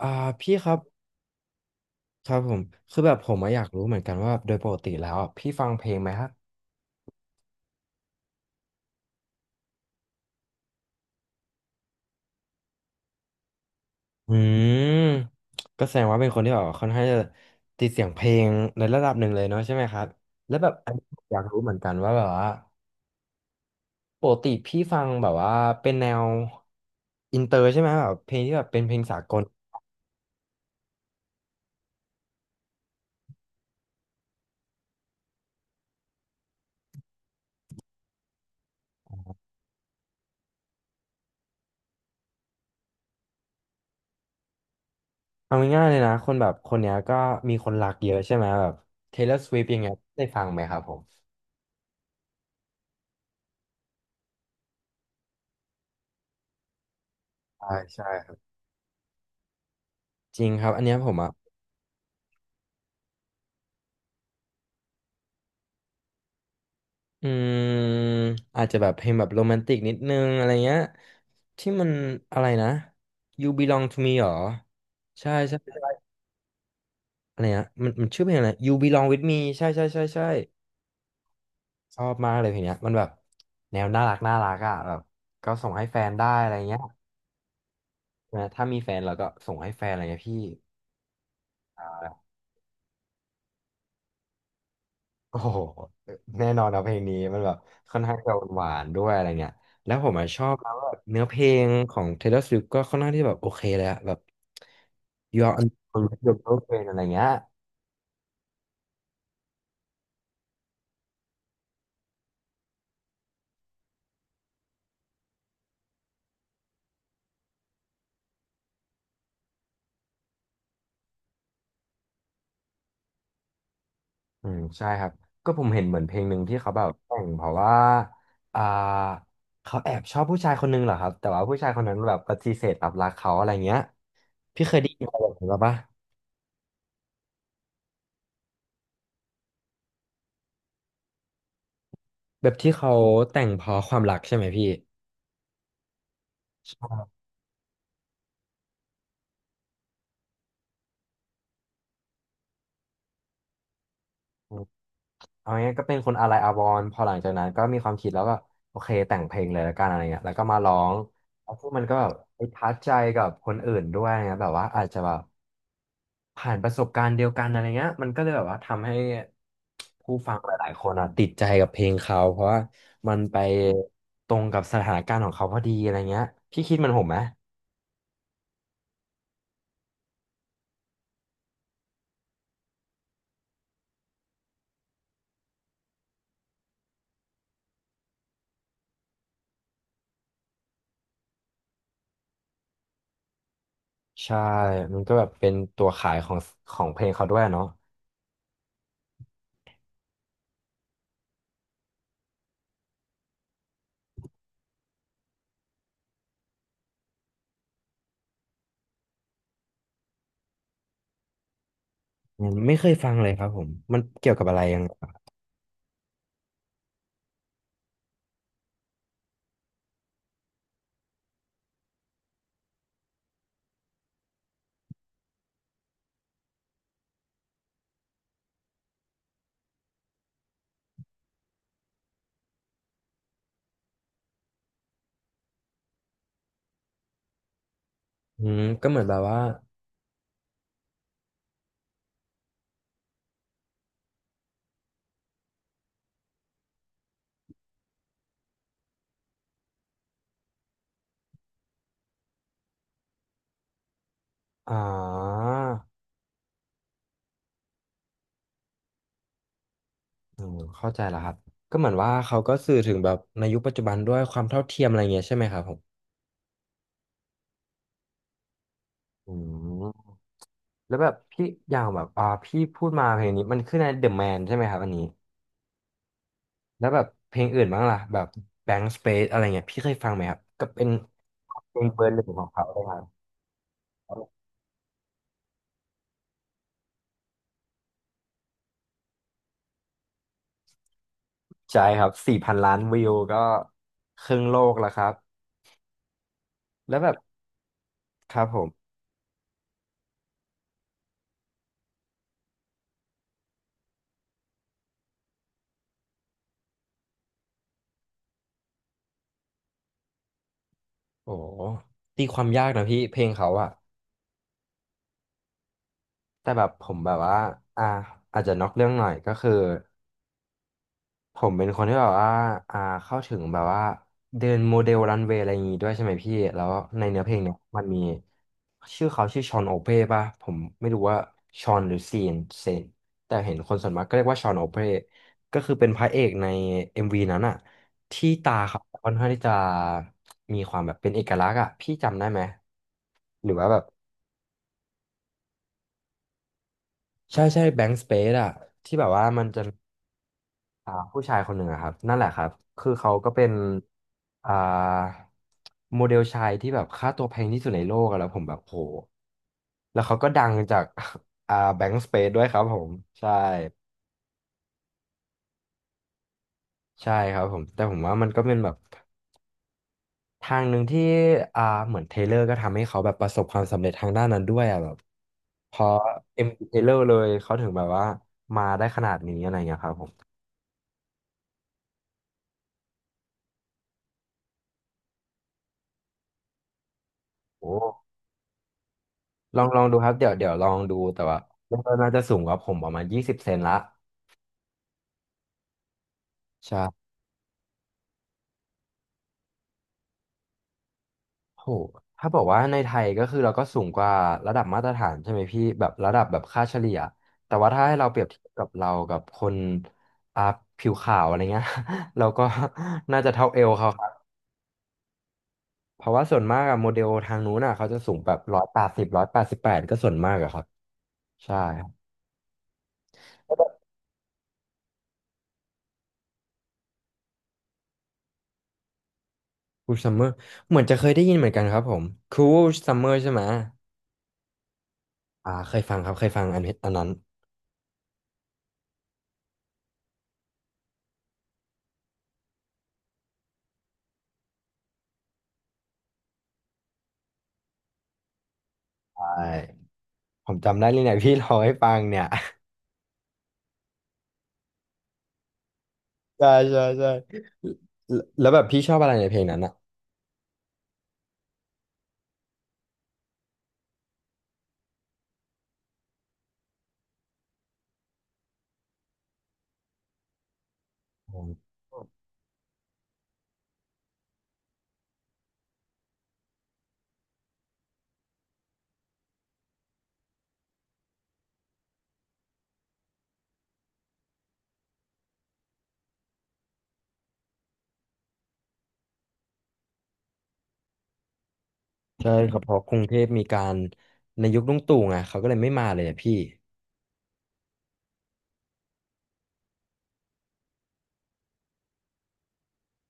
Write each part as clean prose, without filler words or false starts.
อ่าพี่ครับครับผมคือแบบผมอะอยากรู้เหมือนกันว่าโดยปกติแล้วอะพี่ฟังเพลงไหมครับอืมก็แสดงว่าเป็นคนที่แบบค่อนข้างจะติดเสียงเพลงในระดับหนึ่งเลยเนาะใช่ไหมครับแล้วแบบอันนี้ผมอยากรู้เหมือนกันว่าแบบว่าปกติพี่ฟังแบบว่าเป็นแนวอินเตอร์ใช่ไหมแบบเพลงที่แบบเป็นเพลงสากลเอาง่ายๆเลยนะคนแบบคนเนี้ยก็มีคนรักเยอะใช่ไหมแบบ Taylor Swift อย่างเงี้ยได้ฟังไหมครับผมใช่ใช่ครับจริงครับอันเนี้ยผมอ่ะ อืมอาจจะแบบเพลงแบบโรแมนติกนิดนึงอะไรเงี้ยที่มันอะไรนะ You Belong to Me หรอใช่ใช่ใช่อะไรนะมันมันชื่อเพลงอะไร You Belong with Me ใช่ใช่ใช่ใช่ชอบมากเลยเพลงเนี้ยมันแบบแนวน่ารักน่ารักอ่ะแบบก็ส่งให้แฟนได้อะไรเงี้ยนะถ้ามีแฟนเราก็ส่งให้แฟนอะไรเงี้ยพี่ โอ้โหแน่นอนนะเพลงนี้มันแบบค่อนข้างจะหวานๆด้วยอะไรเงี้ยแล้วผมอะชอบนะว่าเนื้อเพลงของ Taylor Swift ก็ค่อนข้างที่แบบโอเคเลยอะแบบ You are unbelievable อะไรเงี้ยอืมใช่ครับก็ผมเห็นเหมือนเพลงหนึ่งที่เขาแบบแต่งเพราะว่าอ่าเขาแอบชอบผู้ชายคนหนึงเหรอครับแต่ว่าผู้ชายคนนั้นแบบปฏิเสธรับรักเขาอะไรเงี้ยพี่เคยได้ยินอะไรแบบนี้ปะแบบที่เขาแต่งเพราะความรักใช่ไหมพี่ใช่ เอางี้ก็เป็นคนอะไรอาวรณ์พอหลังจากนั้นก็มีความคิดแล้วก็โอเคแต่งเพลงเลยแล้วกันอะไรเงี้ยแล้วก็มาร้องแล้วพวกมันก็แบบไปทัชใจกับคนอื่นด้วยนะแบบว่าอาจจะแบบผ่านประสบการณ์เดียวกันอะไรเงี้ยมันก็เลยแบบว่าทำให้ผู้ฟังหลายๆคนอ่ะติดใจกับเพลงเขาเพราะว่ามันไปตรงกับสถานการณ์ของเขาพอดีอะไรเงี้ยพี่คิดเหมันผมไหมใช่มันก็แบบเป็นตัวขายของของเพลงเขาด้วยเนาะอืมไม่เคยฟังเลยครับผมมันเกี่ยวกับอะไรยังไงอืมก็เหมือนแบบว่า อ่าเข้าใจแล้วครับก็เหมือนว่าเขาก็สื่อถึงแบบในยุคปัจจุบันด้วยความเท่าเทียมอะไรเงี้ยใช่ไหมครับผมอืมแล้วแบบพี่อย่างแบบพี่พูดมาเพลงนี้มันขึ้นในเดอ m แมนใช่ไหมครับอันนี้แล้วแบบเพลงอื่นบ้างล่ะแบบแบง k ์สเปซอะไรเงี้ยพี่เคยฟังไหมครับก็เป็นเพลงเบอร์หนึ่งของเขาเลยครับใช่ครับ4 พันล้านวิวก็ครึ่งโลกแล้วครับแล้วแบบครับผมโอ้ตีความยากนะพี่เพลงเขาอะ แต่แบบผมแบบว่าอ่า อาจจะนอกเรื่องหน่อยก็คือผมเป็นคนที่แบบว่าอ่าเข้าถึงแบบว่าเดินโมเดลรันเวย์อะไรอย่างงี้ด้วยใช่ไหมพี่ แล้วในเนื้อเพลงเนี่ยมันมีชื่อเขาชื่อชอนโอเป้ป่ะผมไม่รู้ว่าชอนหรือซีนเซนแต่เห็นคนส่วนมากก็เรียกว่าชอนโอเป้ก็คือเป็นพระเอกใน MV นั้นอะที่ตาเขาค่อนข้างที่จะมีความแบบเป็นเอกลักษณ์อะพี่จำได้ไหมหรือว่าแบบใช่ใช่แบงค์สเปซอะที่แบบว่ามันจะ ผู้ชายคนหนึ่งอะครับนั่นแหละครับคือเขาก็เป็นอ่าโมเดลชายที่แบบค่าตัวแพงที่สุดในโลกอะแล้วผมแบบโหแล้วเขาก็ดังจาก แบงก์สเปซด้วยครับผมใช่ใช่ครับผมแต่ผมว่ามันก็เป็นแบบทางหนึ่งที่อ่าเหมือนเทเลอร์ก็ทำให้เขาแบบประสบความสำเร็จทางด้านนั้นด้วยอะแบบพอเอ็มเทเลอร์เลยเขาถึงแบบว่ามาได้ขนาดนี้อะไรเงี้ยครับผมโอ้ ลองลองดูครับเดี๋ยวเดี๋ยวลองดูแต่ว่ามัตนน่าจะสูงกว่าผมประมาณ20เซนละใช่โหถ้าบอกว่าในไทยก็คือเราก็สูงกว่าระดับมาตรฐานใช่ไหมพี่แบบระดับแบบค่าเฉลี่ยแต่ว่าถ้าให้เราเปรียบเทียบกับเรากับคนอ่าผิวขาวอะไรเงี้ย เราก็ น่าจะเท่าเอวเขาครับเพราะว่าส่วนมากอะโมเดลทางนู้นอะเขาจะสูงแบบร้อยแปดสิบ188ก็ส่วนมากอะครับใช่ครับูซัมเมอร์เหมือนจะเคยได้ยินเหมือนกันครับผมคูซัมเมอร์ใช่ไหม เคยฟังครับเคยฟังอันนี้อันนั้นใช่ผมจำได้เลยเนี่ยพี่ร้องให้ฟังเนี่ยใช่ใช่ใช่แล้วแบบพี่ชอบอะไรในเพลงนั้นอ่ะอ๋อใช่ครับเพราะกรุงเทพมีการในยุคลุงตู่ไงเขาก็เลยไม่มาเลยอะพี่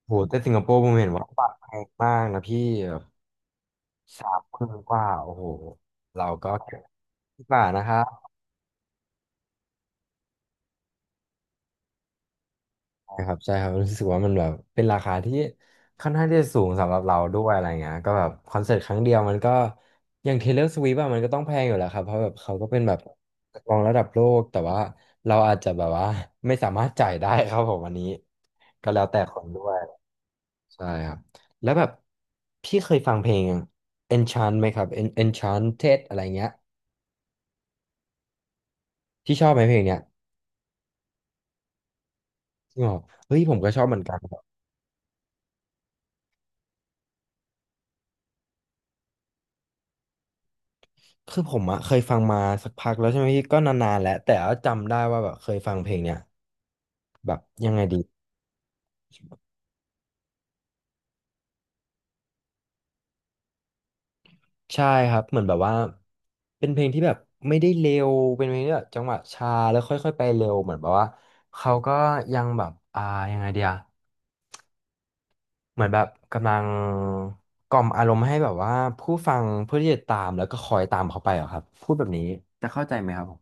โหแต่สิงคโปร์ผมเห็นว่าบัตรแพงมากนะพี่3,000กว่าโอ้โหเราก็เก็บดีกว่านะครับ นะครับใช่ครับรู้สึกว่ามันแบบเป็นราคาที่ค่อนข้างที่จะสูงสำหรับเราด้วยอะไรเงี้ยก็แบบคอนเสิร์ตครั้งเดียวมันก็อย่าง Taylor Swift อะมันก็ต้องแพงอยู่แล้วครับเพราะแบบเขาก็เป็นแบบนักร้องระดับโลกแต่ว่าเราอาจจะแบบว่า ไม่สามารถจ่ายได้ครับผมอันนี้ก็แล้วแต่คนด้วยใช่ครับแล้วแบบพี่เคยฟังเพลง Enchant ไหมครับ Enchanted อะไรเงี้ยที่ชอบไหมเพลงเนี้ยที่บอกเฮ้ยผมก็ชอบเหมือนกัน คือผมอะเคยฟังมาสักพักแล้วใช่ไหมพี่ก็นานๆแล้วแต่ว่าจำได้ว่าแบบเคยฟังเพลงเนี่ยแบบยังไงดีใช่ครับเหมือนแบบว่าเป็นเพลงที่แบบไม่ได้เร็วเป็นเพลงที่แบบจังหวะช้าแล้วค่อยๆไปเร็วเหมือนแบบว่าเขาก็ยังแบบยังไงเดียเหมือนแบบกำลังกล่อมอารมณ์ให้แบบว่าผู้ฟังเพื่อที่จะตามแล้วก็คอยตามเขาไปเหรอครับพูดแบบนี้จะเข้าใจไหมครับผม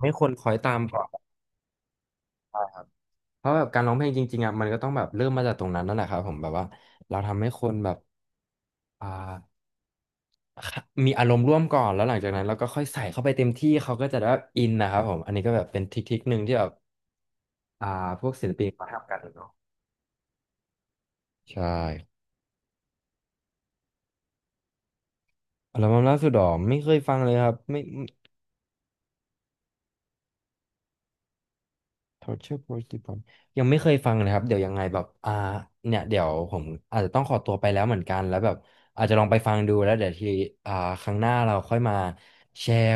ไม่ควรคอยตามก่อนเพราะแบบการร้องเพลงจริงๆอ่ะมันก็ต้องแบบเริ่มมาจากตรงนั้นนั่นแหละครับผมแบบว่าเราทำให้คนแบบ อ่ามีอารมณ์ร่วมก่อนแล้วหลังจากนั้นเราก็ค่อยใส่เข้าไปเต็มที่เขาก็จะได้อินนะครับผมอันนี้ก็แบบเป็นทริคๆหนึ่งที่แบบอ่าพวกศิลปินเขาทำกันเนาะใช่อัลบั้มล่าสุดหรอไม่เคยฟังเลยครับไม่ Torture Porcupine ยังไม่เคยฟังเลยครับเดี๋ยวยังไงแบบเนี่ยเดี๋ยวผมอาจจะต้องขอตัวไปแล้วเหมือนกันแล้วแบบอาจจะลองไปฟังดูแล้วเดี๋ยวทีอ่าครั้งหน้าเราค่อยมาแชร์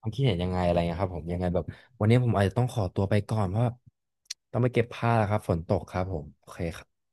ความคิดเห็นยังไงอะไรเงี้ยครับผมยังไงแบบวันนี้ผมอาจจะต้องขอตัวไปก่อนเพราะว่าต้องไปเก็บผ้าแล้วครับฝนตกครับผมโอเคครับ